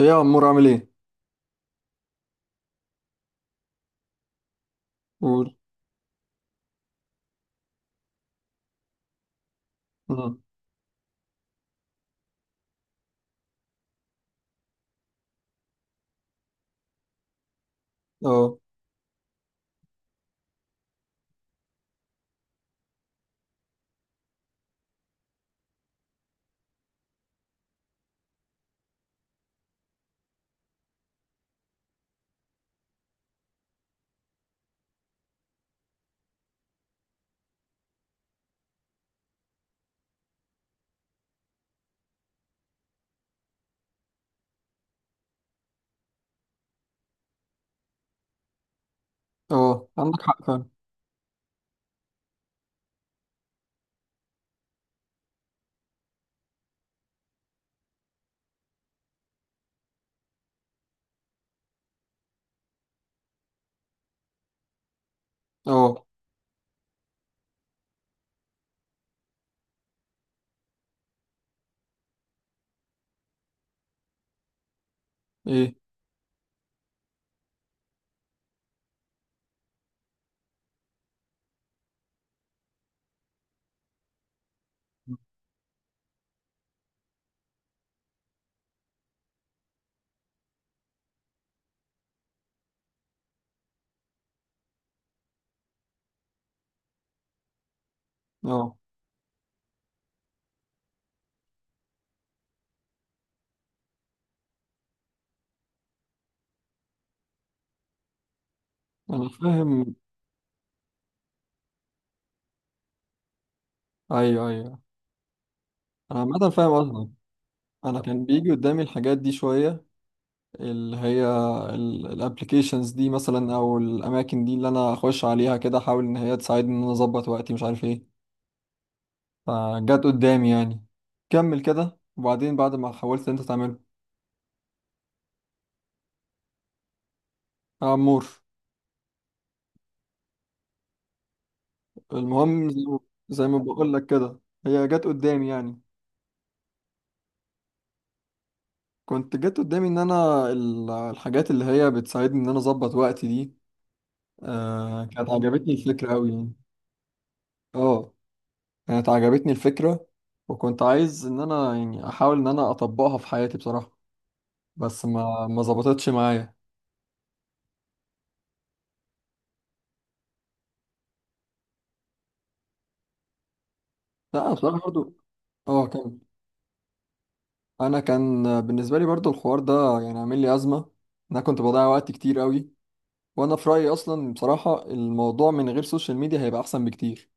ايه يا عمور عامل ايه؟ قول. مم. اه اه عندك حق فعلا. اه. ايه. اه. انا فاهم. ايوه ايوه، انا عامة فاهم قصدك. انا كان بيجي قدامي الحاجات دي شوية، اللي هي الابلكيشنز دي مثلا او الاماكن دي اللي انا اخش عليها كده، احاول ان هي تساعدني ان انا اظبط وقتي مش عارف ايه. فجت قدامي يعني. كمل كده، وبعدين بعد ما حاولت انت تعمله يا عمور المهم زي ما زي ما بقول لك كده هي جت قدامي يعني. كنت جت قدامي ان انا الحاجات اللي هي بتساعدني ان انا اظبط وقتي دي. كانت عجبتني الفكره قوي يعني. اه، كانت عجبتني الفكره، وكنت عايز ان انا يعني احاول ان انا اطبقها في حياتي بصراحه. بس ما ظبطتش معايا. لا انا بصراحه برضو اه كان، انا كان بالنسبه لي برضو الحوار ده يعني عامل لي ازمه، إن انا كنت بضيع وقت كتير قوي. وانا في رايي اصلا بصراحه الموضوع من غير سوشيال ميديا هيبقى احسن بكتير.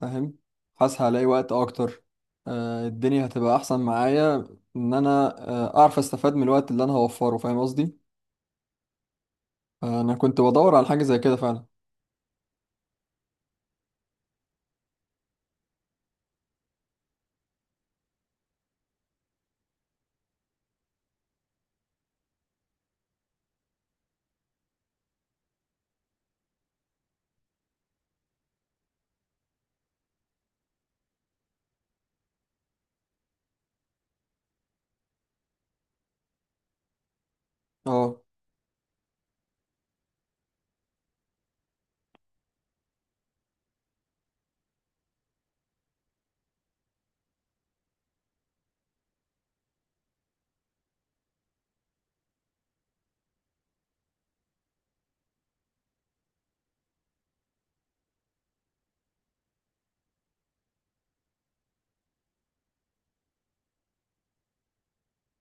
فاهم؟ حاسس هلاقي وقت اكتر. الدنيا هتبقى احسن معايا ان انا اعرف استفاد من الوقت اللي انا هوفره. فاهم قصدي؟ انا كنت بدور على حاجه زي كده فعلا. اه.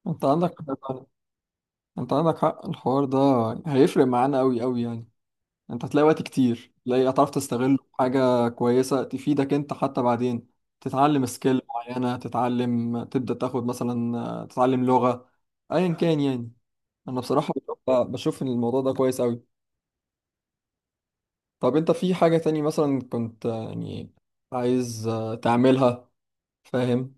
انت عندك حق فعلا. انت عندك حق الحوار ده هيفرق معانا قوي قوي يعني. انت هتلاقي وقت كتير، تلاقي هتعرف تستغله في حاجه كويسه تفيدك انت حتى بعدين. تتعلم سكيل معينه، تتعلم تبدا تاخد مثلا، تتعلم لغه، ايا كان يعني. انا بصراحه بشوف ان الموضوع ده كويس قوي. طب انت في حاجة تاني مثلا كنت يعني عايز تعملها؟ فاهم؟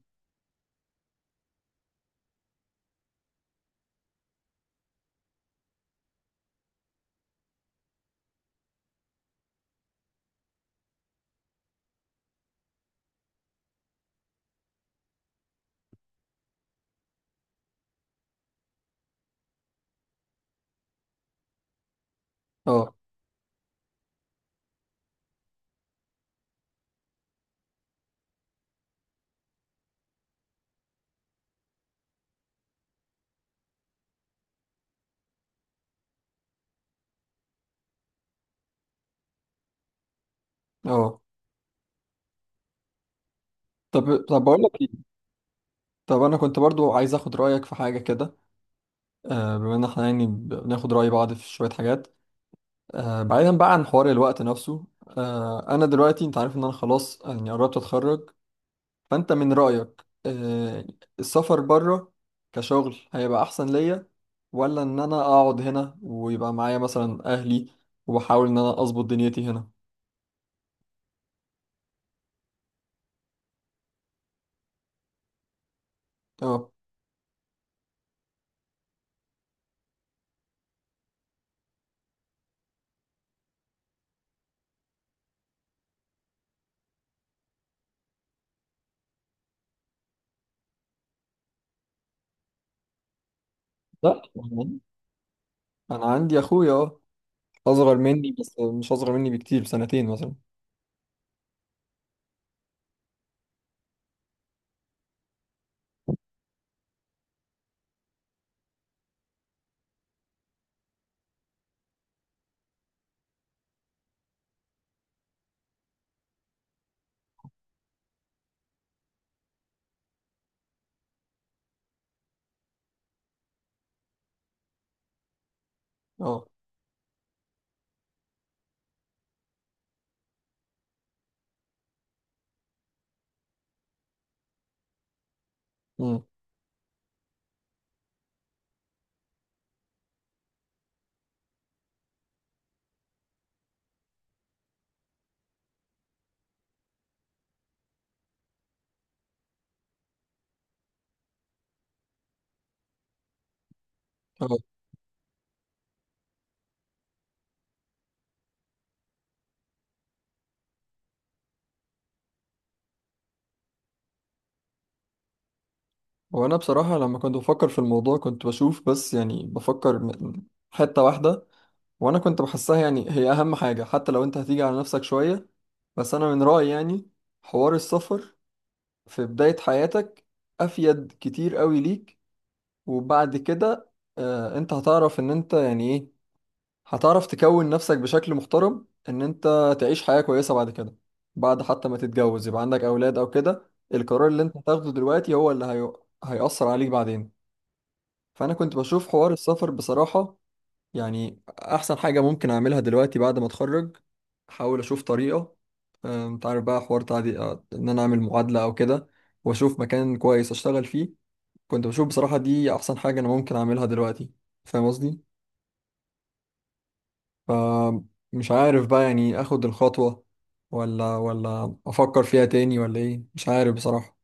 اه. اه. طب بقول لك ايه، طب انا كنت برضو عايز اخد رأيك في حاجة كده. بما ان احنا يعني بناخد رأي بعض في شوية حاجات، بعيدا بقى عن حوار الوقت نفسه، انا دلوقتي انت عارف ان انا خلاص يعني قربت اتخرج. فانت من رأيك السفر بره كشغل هيبقى احسن ليا، ولا ان انا اقعد هنا ويبقى معايا مثلا اهلي، وبحاول ان انا اظبط دنيتي هنا؟ اه. لا يعني انا عندي اخويا، اه، اصغر مني بس مش اصغر مني بكتير، بسنتين مثلا. اه. امم. اه. وانا بصراحه لما كنت بفكر في الموضوع كنت بشوف بس يعني بفكر حته واحده وانا كنت بحسها يعني هي اهم حاجه، حتى لو انت هتيجي على نفسك شويه. بس انا من رايي يعني حوار السفر في بدايه حياتك افيد كتير قوي ليك. وبعد كده آه انت هتعرف ان انت يعني إيه، هتعرف تكون نفسك بشكل محترم ان انت تعيش حياة كويسة بعد كده. بعد حتى ما تتجوز يبقى عندك اولاد او كده، القرار اللي انت هتاخده دلوقتي هو اللي هي... هيأثر عليك بعدين. فانا كنت بشوف حوار السفر بصراحة يعني احسن حاجة ممكن اعملها دلوقتي بعد ما اتخرج. احاول اشوف طريقة، انت عارف بقى حوار تعدي ان انا اعمل معادلة او كده، واشوف مكان كويس اشتغل فيه. كنت بشوف بصراحة دي احسن حاجة انا ممكن اعملها دلوقتي. فاهم قصدي؟ فمش عارف بقى يعني اخد الخطوة ولا افكر فيها تاني ولا ايه، مش عارف بصراحة.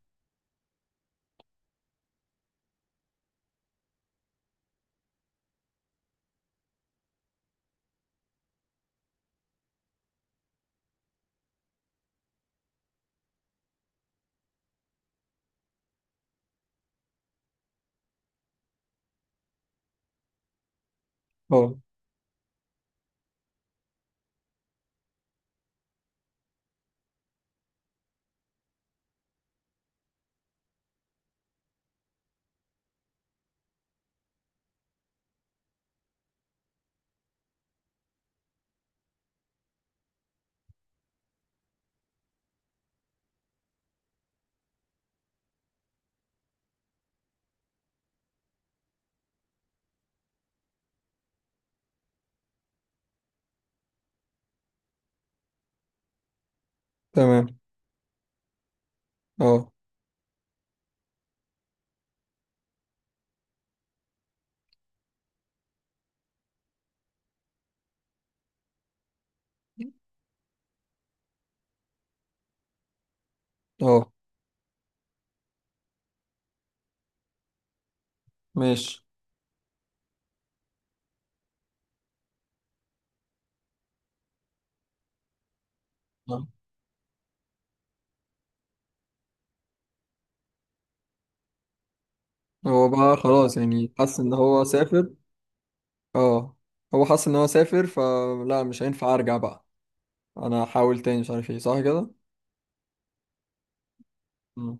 اه. تمام. اه. اه. ماشي. آه. هو بقى خلاص يعني حس ان هو سافر. اه. هو حس ان هو سافر، فلا مش هينفع ارجع بقى. انا هحاول تاني، مش عارف ايه، صح كده. مم.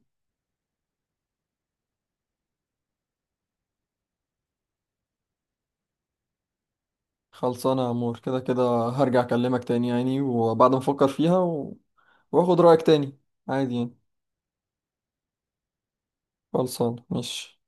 خلصانة يا عمور كده كده. هرجع اكلمك تاني يعني وبعد ما افكر فيها و... واخد رأيك تاني. عادي يعني. خلصانة، ماشي.